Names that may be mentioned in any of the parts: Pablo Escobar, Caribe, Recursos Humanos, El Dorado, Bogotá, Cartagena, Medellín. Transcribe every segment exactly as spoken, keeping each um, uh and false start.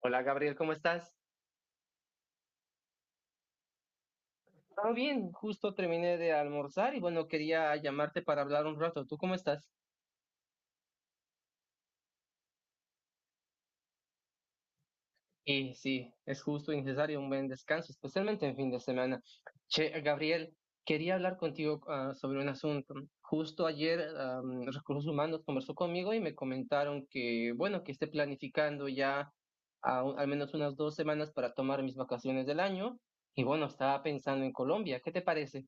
Hola Gabriel, ¿cómo estás? Todo bien, justo terminé de almorzar y bueno, quería llamarte para hablar un rato. ¿Tú cómo estás? Y sí, es justo y necesario un buen descanso, especialmente en fin de semana. Che, Gabriel, quería hablar contigo ah, sobre un asunto. Justo ayer am, Recursos Humanos conversó conmigo y me comentaron que, bueno, que esté planificando ya a un- al menos unas dos semanas para tomar mis vacaciones del año. Y bueno, estaba pensando en Colombia. ¿Qué te parece?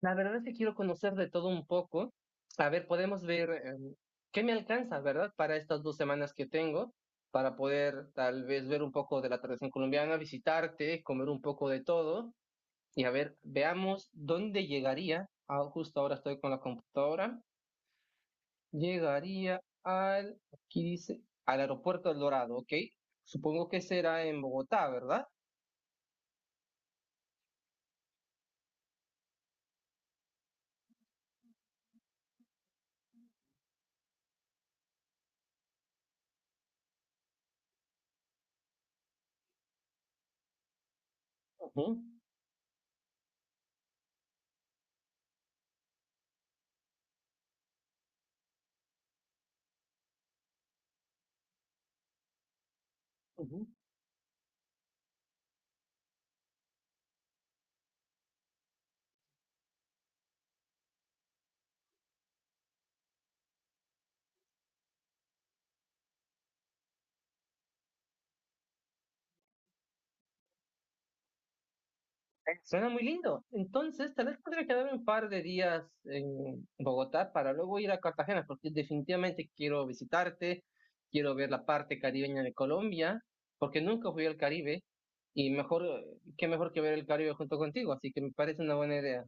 La verdad es que quiero conocer de todo un poco. A ver, podemos ver em, qué me alcanza, ¿verdad? Para estas dos semanas que tengo, para poder tal vez ver un poco de la tradición colombiana, visitarte, comer un poco de todo y a ver, veamos dónde llegaría. Ah, justo ahora estoy con la computadora. Llegaría al, aquí dice, al aeropuerto El Dorado, ¿ok? Supongo que será en Bogotá, ¿verdad? Ujú, ujú. Eh, Suena muy lindo. Entonces, tal vez podría quedarme un par de días en Bogotá para luego ir a Cartagena, porque definitivamente quiero visitarte, quiero ver la parte caribeña de Colombia, porque nunca fui al Caribe y mejor, eh, qué mejor que ver el Caribe junto contigo, así que me parece una buena idea.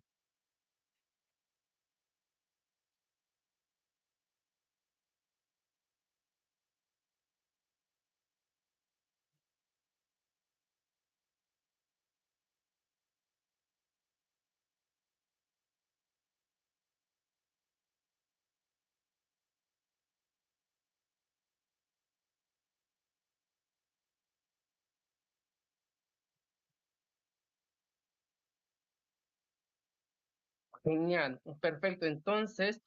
Genial, perfecto. Entonces,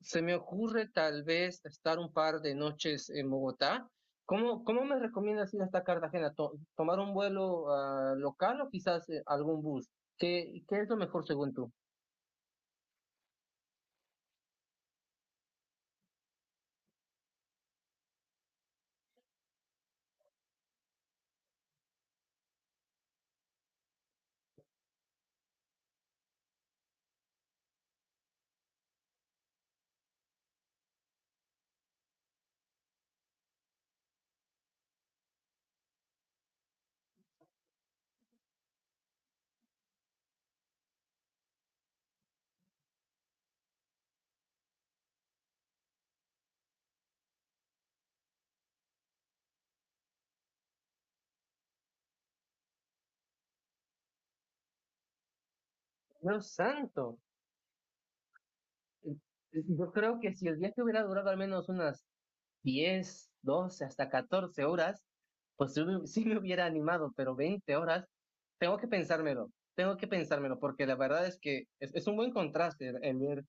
se me ocurre tal vez estar un par de noches en Bogotá. ¿Cómo, cómo me recomiendas ir hasta Cartagena? To- ¿Tomar un vuelo ah, local o quizás eh, algún bus? ¿Qué, qué es lo mejor según tú? Dios santo. eh, Yo creo que si el viaje hubiera durado al menos unas diez, doce, hasta catorce horas, pues sí me sí hubiera animado, pero veinte horas, tengo que pensármelo, tengo que pensármelo, porque la verdad es que es, es un buen contraste el, el ver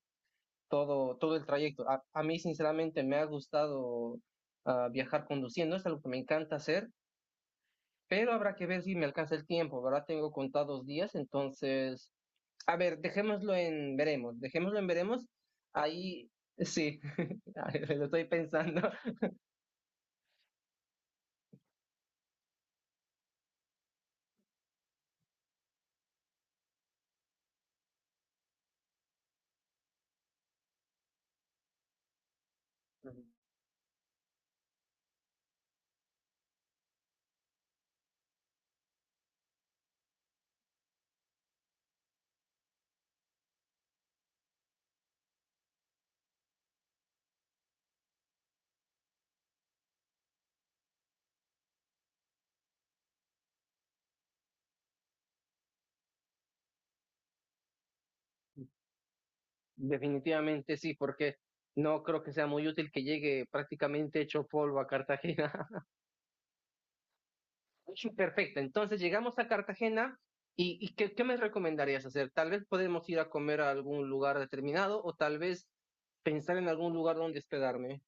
todo, todo el trayecto. A, a mí, sinceramente, me ha gustado ah, viajar conduciendo, es algo que me encanta hacer, pero habrá que ver si me alcanza el tiempo, ¿verdad? Tengo contados días, entonces, a ver, dejémoslo en veremos, dejémoslo en veremos, ahí sí, lo estoy pensando. Definitivamente sí, porque no creo que sea muy útil que llegue prácticamente hecho polvo a Cartagena. Perfecto, entonces llegamos a Cartagena y, y ¿qué, qué me recomendarías hacer? Tal vez podemos ir a comer a algún lugar determinado o tal vez pensar en algún lugar donde hospedarme.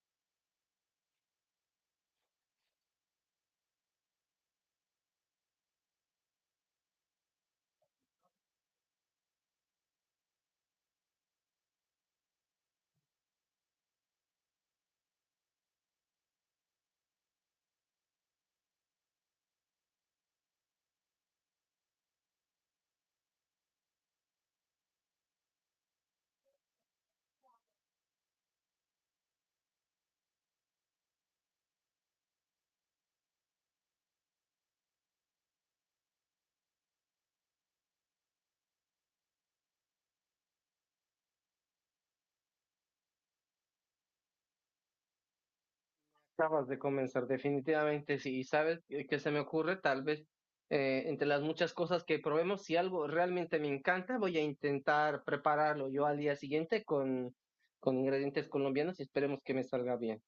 Acabas de comenzar, definitivamente sí. Y sabes eh, que se me ocurre, tal vez, eh, entre las muchas cosas que probemos, si algo realmente me encanta, voy a intentar prepararlo yo al día siguiente con, con ingredientes colombianos y esperemos que me salga bien.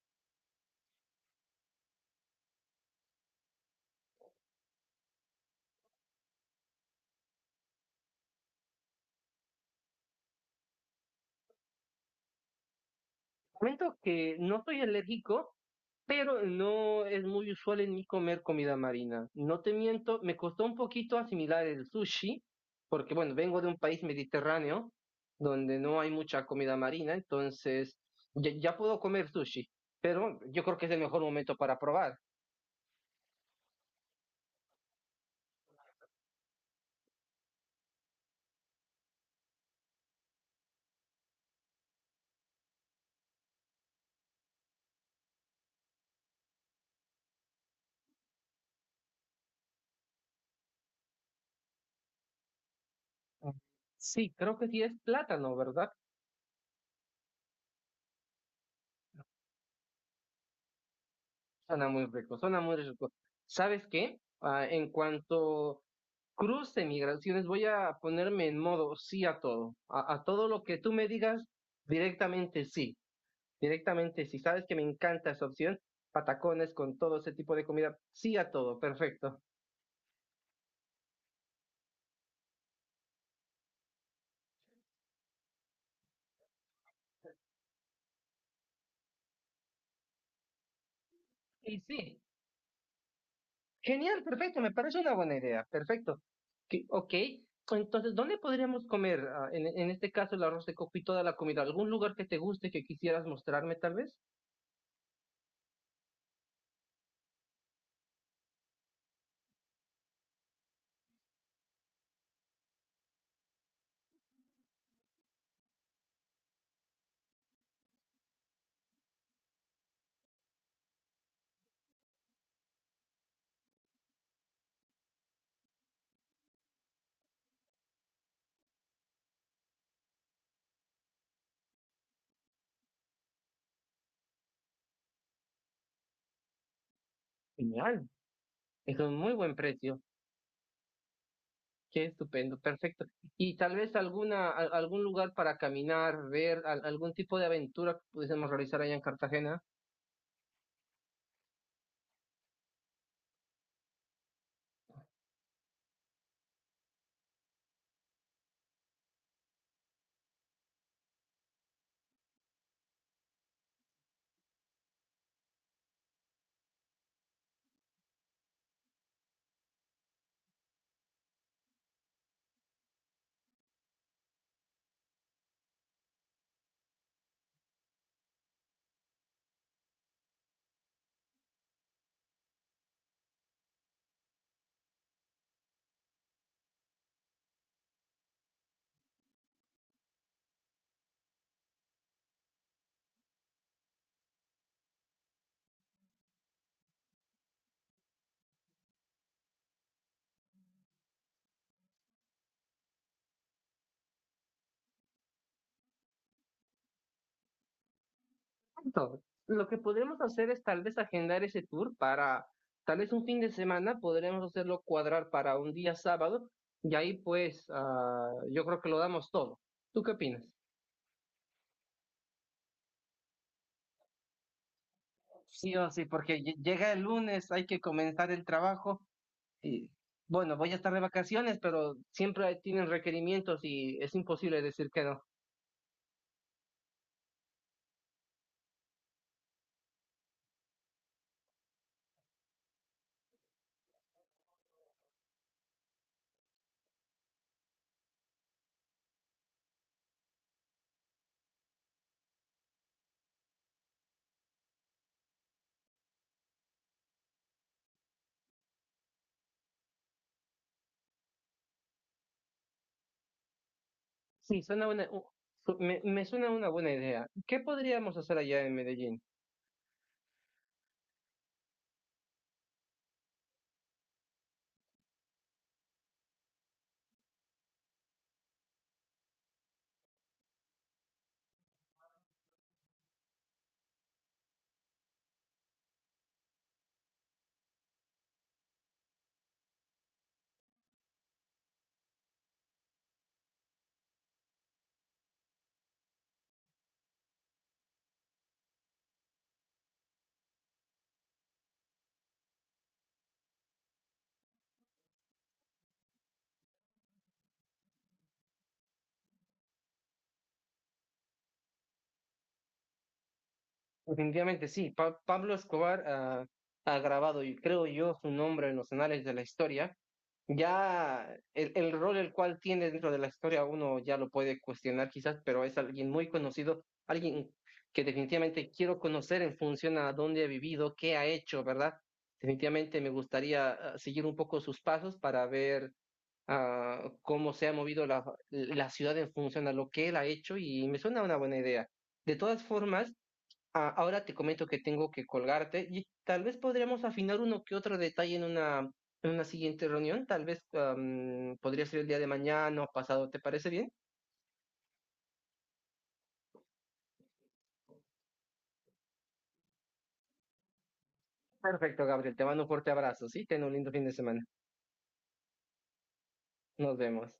Comento que no soy alérgico, pero no es muy usual en mí comer comida marina. No te miento, me costó un poquito asimilar el sushi, porque bueno, vengo de un país mediterráneo donde no hay mucha comida marina, entonces ya, ya puedo comer sushi, pero yo creo que es el mejor momento para probar. Sí, creo que sí es plátano, ¿verdad? Suena muy rico, suena muy rico. ¿Sabes qué? Ah, en cuanto cruce migraciones, voy a ponerme en modo sí a todo. A, a todo lo que tú me digas, directamente sí. Directamente sí. Sabes que me encanta esa opción. Patacones con todo ese tipo de comida. Sí a todo, perfecto. Y sí, genial, perfecto. Me parece una buena idea. Perfecto. Que- Ok. Entonces, ¿dónde podríamos comer, ah, en, en este caso, el arroz de coco y toda la comida? ¿Algún lugar que te guste que quisieras mostrarme, tal vez? Genial. Es un muy buen precio. Qué estupendo, perfecto. Y tal vez alguna, a- algún lugar para caminar, ver al- algún tipo de aventura que pudiésemos realizar allá en Cartagena. Perfecto. Lo que podremos hacer es tal vez agendar ese tour para tal vez un fin de semana, podremos hacerlo cuadrar para un día sábado y ahí pues ah, yo creo que lo damos todo. ¿Tú qué opinas? Sí o sí, porque lle- llega el lunes, hay que comenzar el trabajo. Y bueno, voy a estar de vacaciones, pero siempre hay- tienen requerimientos y es imposible decir que no. Sí, suena una, u- su- me, me suena una buena idea. ¿Qué podríamos hacer allá en Medellín? Definitivamente sí, Pa- Pablo Escobar ah, ha grabado, y creo yo, su nombre en los anales de la historia. Ya el, el rol el cual tiene dentro de la historia uno ya lo puede cuestionar quizás, pero es alguien muy conocido, alguien que definitivamente quiero conocer en función a dónde ha vivido, qué ha hecho, ¿verdad? Definitivamente me gustaría ah, seguir un poco sus pasos para ver ah, cómo se ha movido la, la ciudad en función a lo que él ha hecho y me suena una buena idea. De todas formas, ah, ahora te comento que tengo que colgarte y tal vez podríamos afinar uno que otro detalle en una, en una siguiente reunión. Tal vez am, podría ser el día de mañana o pasado. ¿Te parece bien? Perfecto, Gabriel. Te mando un fuerte abrazo, ¿sí? Ten un lindo fin de semana. Nos vemos.